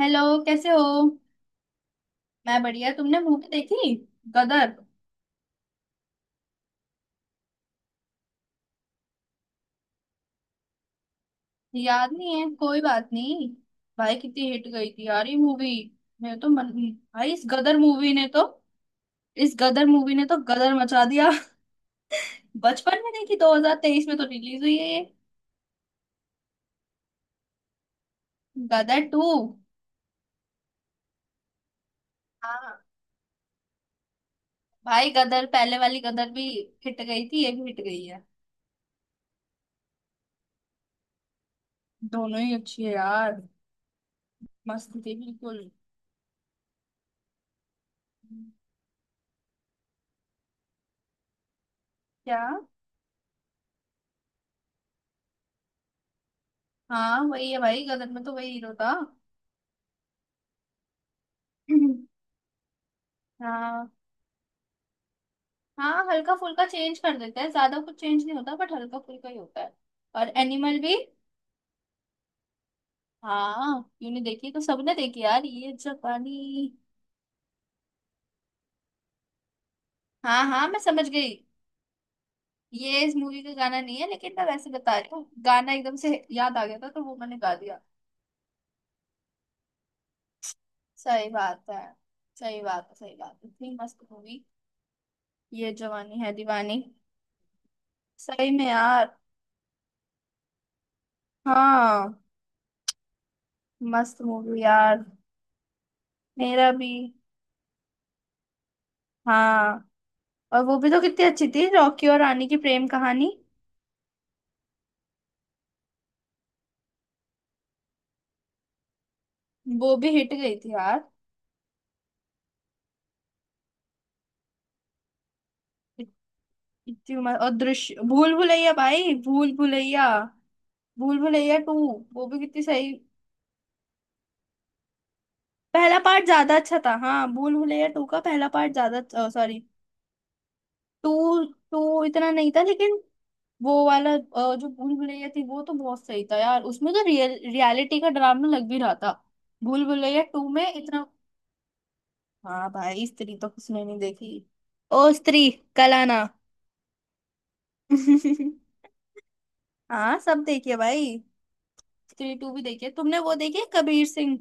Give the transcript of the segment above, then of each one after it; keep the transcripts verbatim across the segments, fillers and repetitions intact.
Hello. कैसे हो। मैं बढ़िया। तुमने मूवी देखी? गदर। याद नहीं है? कोई बात नहीं। भाई कितनी हिट गई थी यार ये मूवी। मैं तो मन, भाई इस गदर मूवी ने तो इस गदर मूवी ने तो गदर मचा दिया। बचपन में देखी? दो हज़ार तेईस में तो रिलीज हुई है ये, गदर टू। हाँ भाई, गदर पहले वाली गदर भी हिट गई थी, ये भी हिट गई है। दोनों ही अच्छी है यार, मस्त थी बिल्कुल। क्या? हाँ वही है भाई, गदर में तो वही हीरो था। हाँ। हाँ हल्का फुल्का चेंज कर देते हैं, ज्यादा कुछ चेंज नहीं होता, बट हल्का फुल्का ही होता है। और एनिमल भी। हाँ यूने देखी तो सबने देखी यार, ये जापानी। हाँ हाँ, मैं समझ गई। ये इस मूवी का गाना नहीं है, लेकिन मैं वैसे बता रही हूँ, गाना एकदम से याद आ गया था तो वो मैंने गा दिया। सही बात है। सही बात है, सही बात है, इतनी मस्त मूवी, ये जवानी है दीवानी। सही में यार। हाँ मस्त मूवी यार। मेरा भी। हाँ और वो भी तो कितनी अच्छी थी, रॉकी और रानी की प्रेम कहानी। वो भी हिट गई थी यार। इत- इतनी उम्र और दृश्य, भूल भुलैया भाई, भूल भुलैया। भूल भुलैया टू, वो भी कितनी सही। पहला पार्ट ज्यादा अच्छा था, हाँ भूल भुलैया टू का पहला पार्ट ज्यादा, सॉरी टू। टू इतना नहीं था लेकिन। वो वाला अ, जो भूल भुलैया थी वो तो बहुत सही था यार, उसमें तो रियल रियलिटी का ड्रामा लग भी रहा था। भूल भुलैया टू में इतना। हाँ भाई, स्त्री तो किसने नहीं देखी। ओ स्त्री कल आना। हाँ सब देखिए भाई, थ्री टू भी देखिए। तुमने वो देखी है, कबीर सिंह?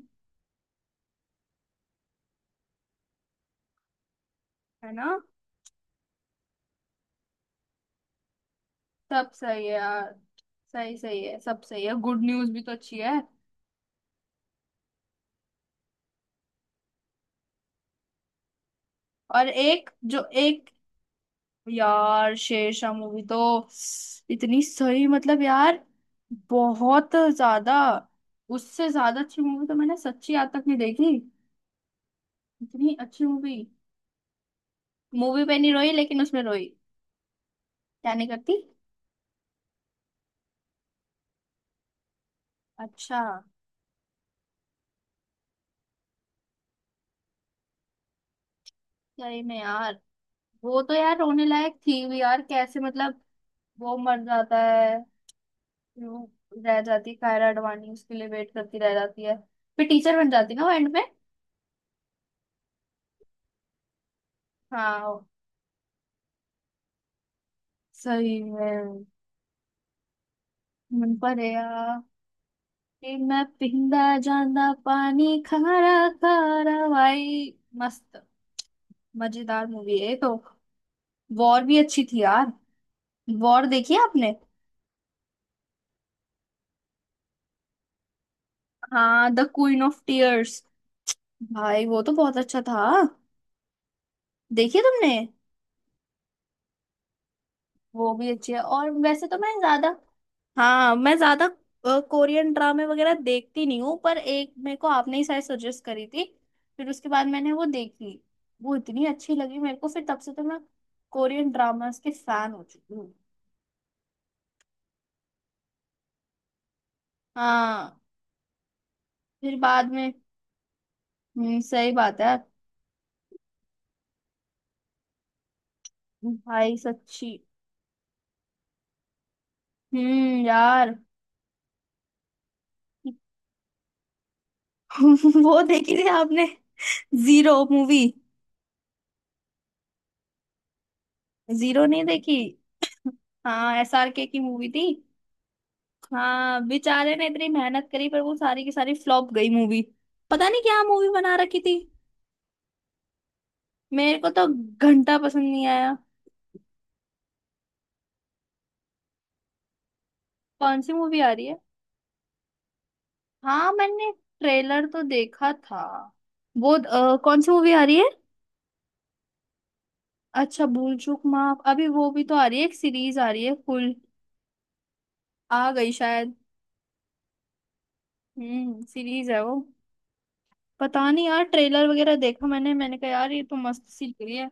है ना। सब सही है यार। सही सही है, सब सही है, गुड न्यूज भी तो अच्छी है। और एक, जो एक, यार शेरशाह मूवी तो इतनी सही, मतलब यार, बहुत ज्यादा। उससे ज्यादा अच्छी मूवी तो मैंने सच्ची आज तक नहीं देखी, इतनी अच्छी मूवी। मूवी पे नहीं रोई लेकिन उसमें रोई। क्या नहीं करती? अच्छा। सही में यार, वो तो यार रोने लायक थी भी यार, कैसे, मतलब वो मर जाता है, फिर वो, रह जाती है कायरा अडवाणी, उसके लिए वेट करती रह जाती है। फिर टीचर बन जाती है ना वो एंड में। हाँ, सही में। मन पर यार, कि मैं पींदा जांदा पानी खारा, खारा भाई, मस्त, मजेदार मूवी है ये तो। वॉर भी अच्छी थी यार, वॉर देखी है आपने? हाँ द क्वीन ऑफ टीयर्स, भाई वो तो बहुत अच्छा था। देखी तुमने? वो भी अच्छी है। और वैसे तो मैं ज्यादा, हाँ मैं ज्यादा अ, कोरियन ड्रामे वगैरह देखती नहीं हूँ, पर एक मेरे को आपने ही शायद सजेस्ट करी थी, फिर उसके बाद मैंने वो देखी, वो इतनी अच्छी लगी मेरे को, फिर तब से तो मैं कोरियन ड्रामास के फैन हो चुकी हूँ। हाँ। फिर बाद में। हम्म सही बात है। भाई सच्ची। हम्म यार। वो देखी थी आपने, जीरो मूवी? जीरो नहीं देखी? हाँ एसआरके की मूवी थी। हाँ बेचारे ने इतनी मेहनत करी पर वो सारी की सारी फ्लॉप गई मूवी, पता नहीं क्या मूवी बना रखी थी। मेरे को तो घंटा पसंद नहीं आया। कौन सी मूवी आ रही है? हाँ मैंने ट्रेलर तो देखा था। वो अ, कौन सी मूवी आ रही है? अच्छा भूल चूक माफ, अभी वो भी तो आ रही है। एक सीरीज आ रही है, फुल आ गई शायद। हम्म सीरीज है वो। पता नहीं यार, ट्रेलर वगैरह देखा मैंने, मैंने कहा यार ये तो मस्त सी लग रही है।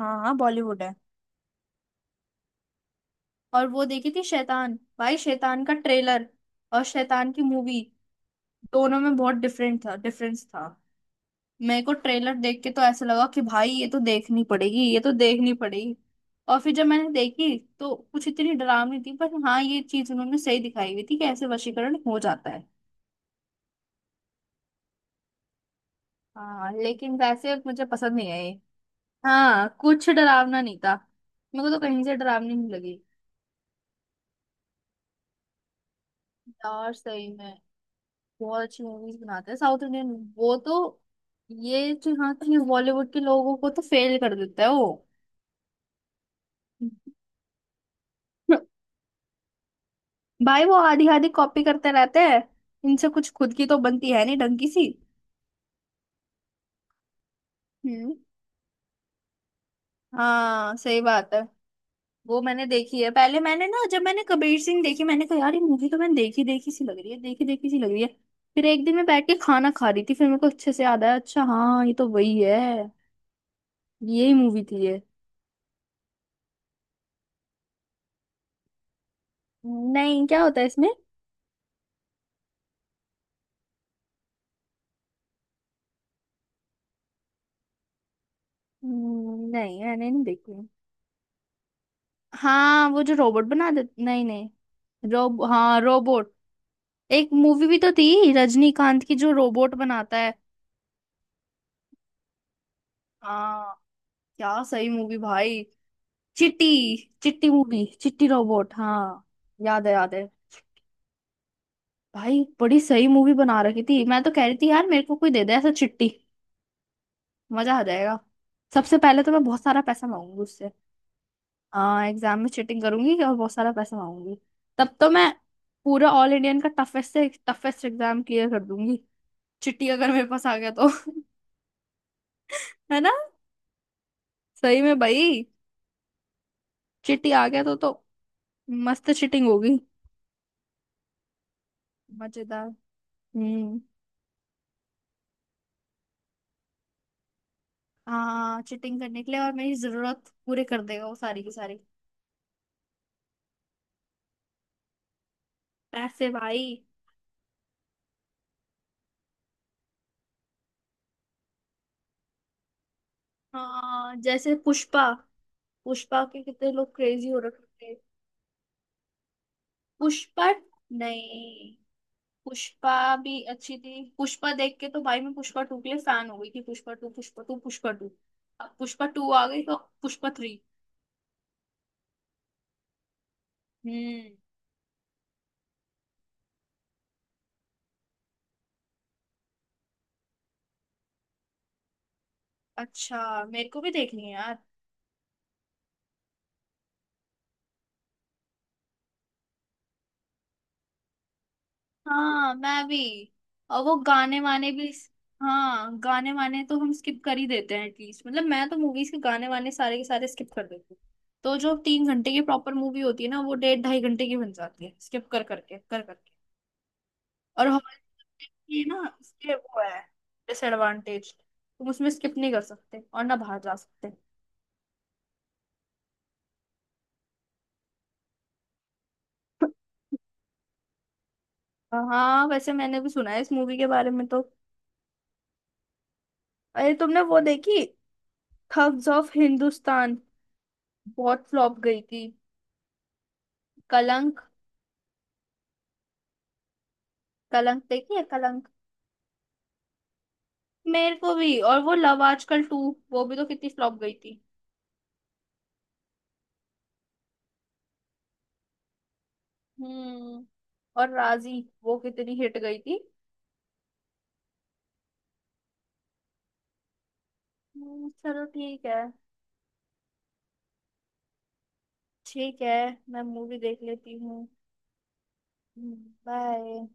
हाँ हाँ बॉलीवुड है। और वो देखी थी शैतान, भाई शैतान का ट्रेलर और शैतान की मूवी दोनों में बहुत डिफरेंट था, डिफरेंस था। मेरे को ट्रेलर देख के तो ऐसा लगा कि भाई ये तो देखनी पड़ेगी, ये तो देखनी पड़ेगी। और फिर जब मैंने देखी तो कुछ इतनी डरावनी थी, पर हाँ ये चीज उन्होंने सही दिखाई हुई थी, कि ऐसे वशीकरण हो जाता है। हाँ लेकिन वैसे मुझे पसंद नहीं आई। हाँ कुछ डरावना नहीं था, मेरे को तो कहीं से डरावनी नहीं लगी। यार सही में, बहुत अच्छी मूवीज बनाते हैं साउथ इंडियन। वो तो, ये जो, हाँ कि बॉलीवुड के लोगों को तो फेल कर देता है वो। भाई वो आधी आधी कॉपी करते रहते हैं, इनसे कुछ खुद की तो बनती है नहीं ढंग की सी। हम्म हाँ सही बात है। वो मैंने देखी है, पहले मैंने ना जब मैंने कबीर सिंह देखी, मैंने कहा यार ये मूवी तो मैंने देखी देखी सी लग रही है, देखी देखी सी लग रही है। फिर एक दिन मैं बैठ के खाना खा रही थी, फिर मेरे को अच्छे से याद आया, अच्छा हाँ ये तो वही है, यही मूवी थी ये। नहीं क्या होता है इसमें? हम्म, नहीं मैंने नहीं देखी। हाँ वो जो रोबोट बना दे, नहीं नहीं रोब, हाँ रोबोट। एक मूवी भी तो थी रजनीकांत की, जो रोबोट बनाता है। हाँ। क्या सही मूवी भाई। चिट्टी, चिट्टी मूवी, चिट्टी रोबोट हाँ, याद है याद है। भाई बड़ी सही मूवी बना रखी थी, मैं तो कह रही थी यार मेरे को कोई दे दे ऐसा चिट्टी, मजा आ जाएगा। सबसे पहले तो मैं बहुत सारा पैसा मांगूंगी उससे। हाँ एग्जाम में चीटिंग करूंगी और बहुत सारा पैसा मांगूंगी। तब तो मैं पूरा ऑल इंडियन का टफेस्ट से टफेस्ट एग्जाम क्लियर कर दूंगी, चिट्टी अगर मेरे पास आ गया तो। है ना। सही में भाई, चिट्टी आ गया तो तो मस्त चिटिंग होगी, मजेदार। हम्म हाँ चिटिंग करने के लिए, और मेरी जरूरत पूरे कर देगा वो सारी की सारी। पैसे भाई। हाँ जैसे पुष्पा, पुष्पा के कितने लोग क्रेजी हो रखे थे। पुष्पा, नहीं पुष्पा भी अच्छी थी, पुष्पा देख के तो भाई मैं पुष्पा टू के लिए फैन हो गई थी, Pushpa two, Pushpa two, Pushpa two. अब पुष्पा टू आ गई तो पुष्पा थ्री। हम्म। अच्छा, मेरे को भी देखनी है यार। हाँ मैं भी, और वो गाने वाने भी। हाँ गाने वाने तो हम स्किप कर ही देते हैं एटलीस्ट, मतलब मैं तो मूवीज के गाने वाने सारे के सारे स्किप कर देती हूँ। तो जो तीन घंटे की प्रॉपर मूवी होती है ना, वो डेढ़ ढाई घंटे की बन जाती है स्किप कर करके, कर करके। और हमारे, ये ना उसके वो है, डिसएडवांटेज, तुम उसमें स्किप नहीं कर सकते और ना बाहर जा सकते। हाँ वैसे मैंने भी सुना है इस मूवी के बारे में तो। अरे तुमने वो देखी, थग्स ऑफ हिंदुस्तान? बहुत फ्लॉप गई थी। कलंक, कलंक देखी है कलंक? मेरे को भी। और वो लव आजकल टू, वो भी तो कितनी फ्लॉप गई थी। हम्म और राजी, वो कितनी हिट गई थी। हम्म, चलो ठीक है। ठीक है, मैं मूवी देख लेती हूँ। बाय।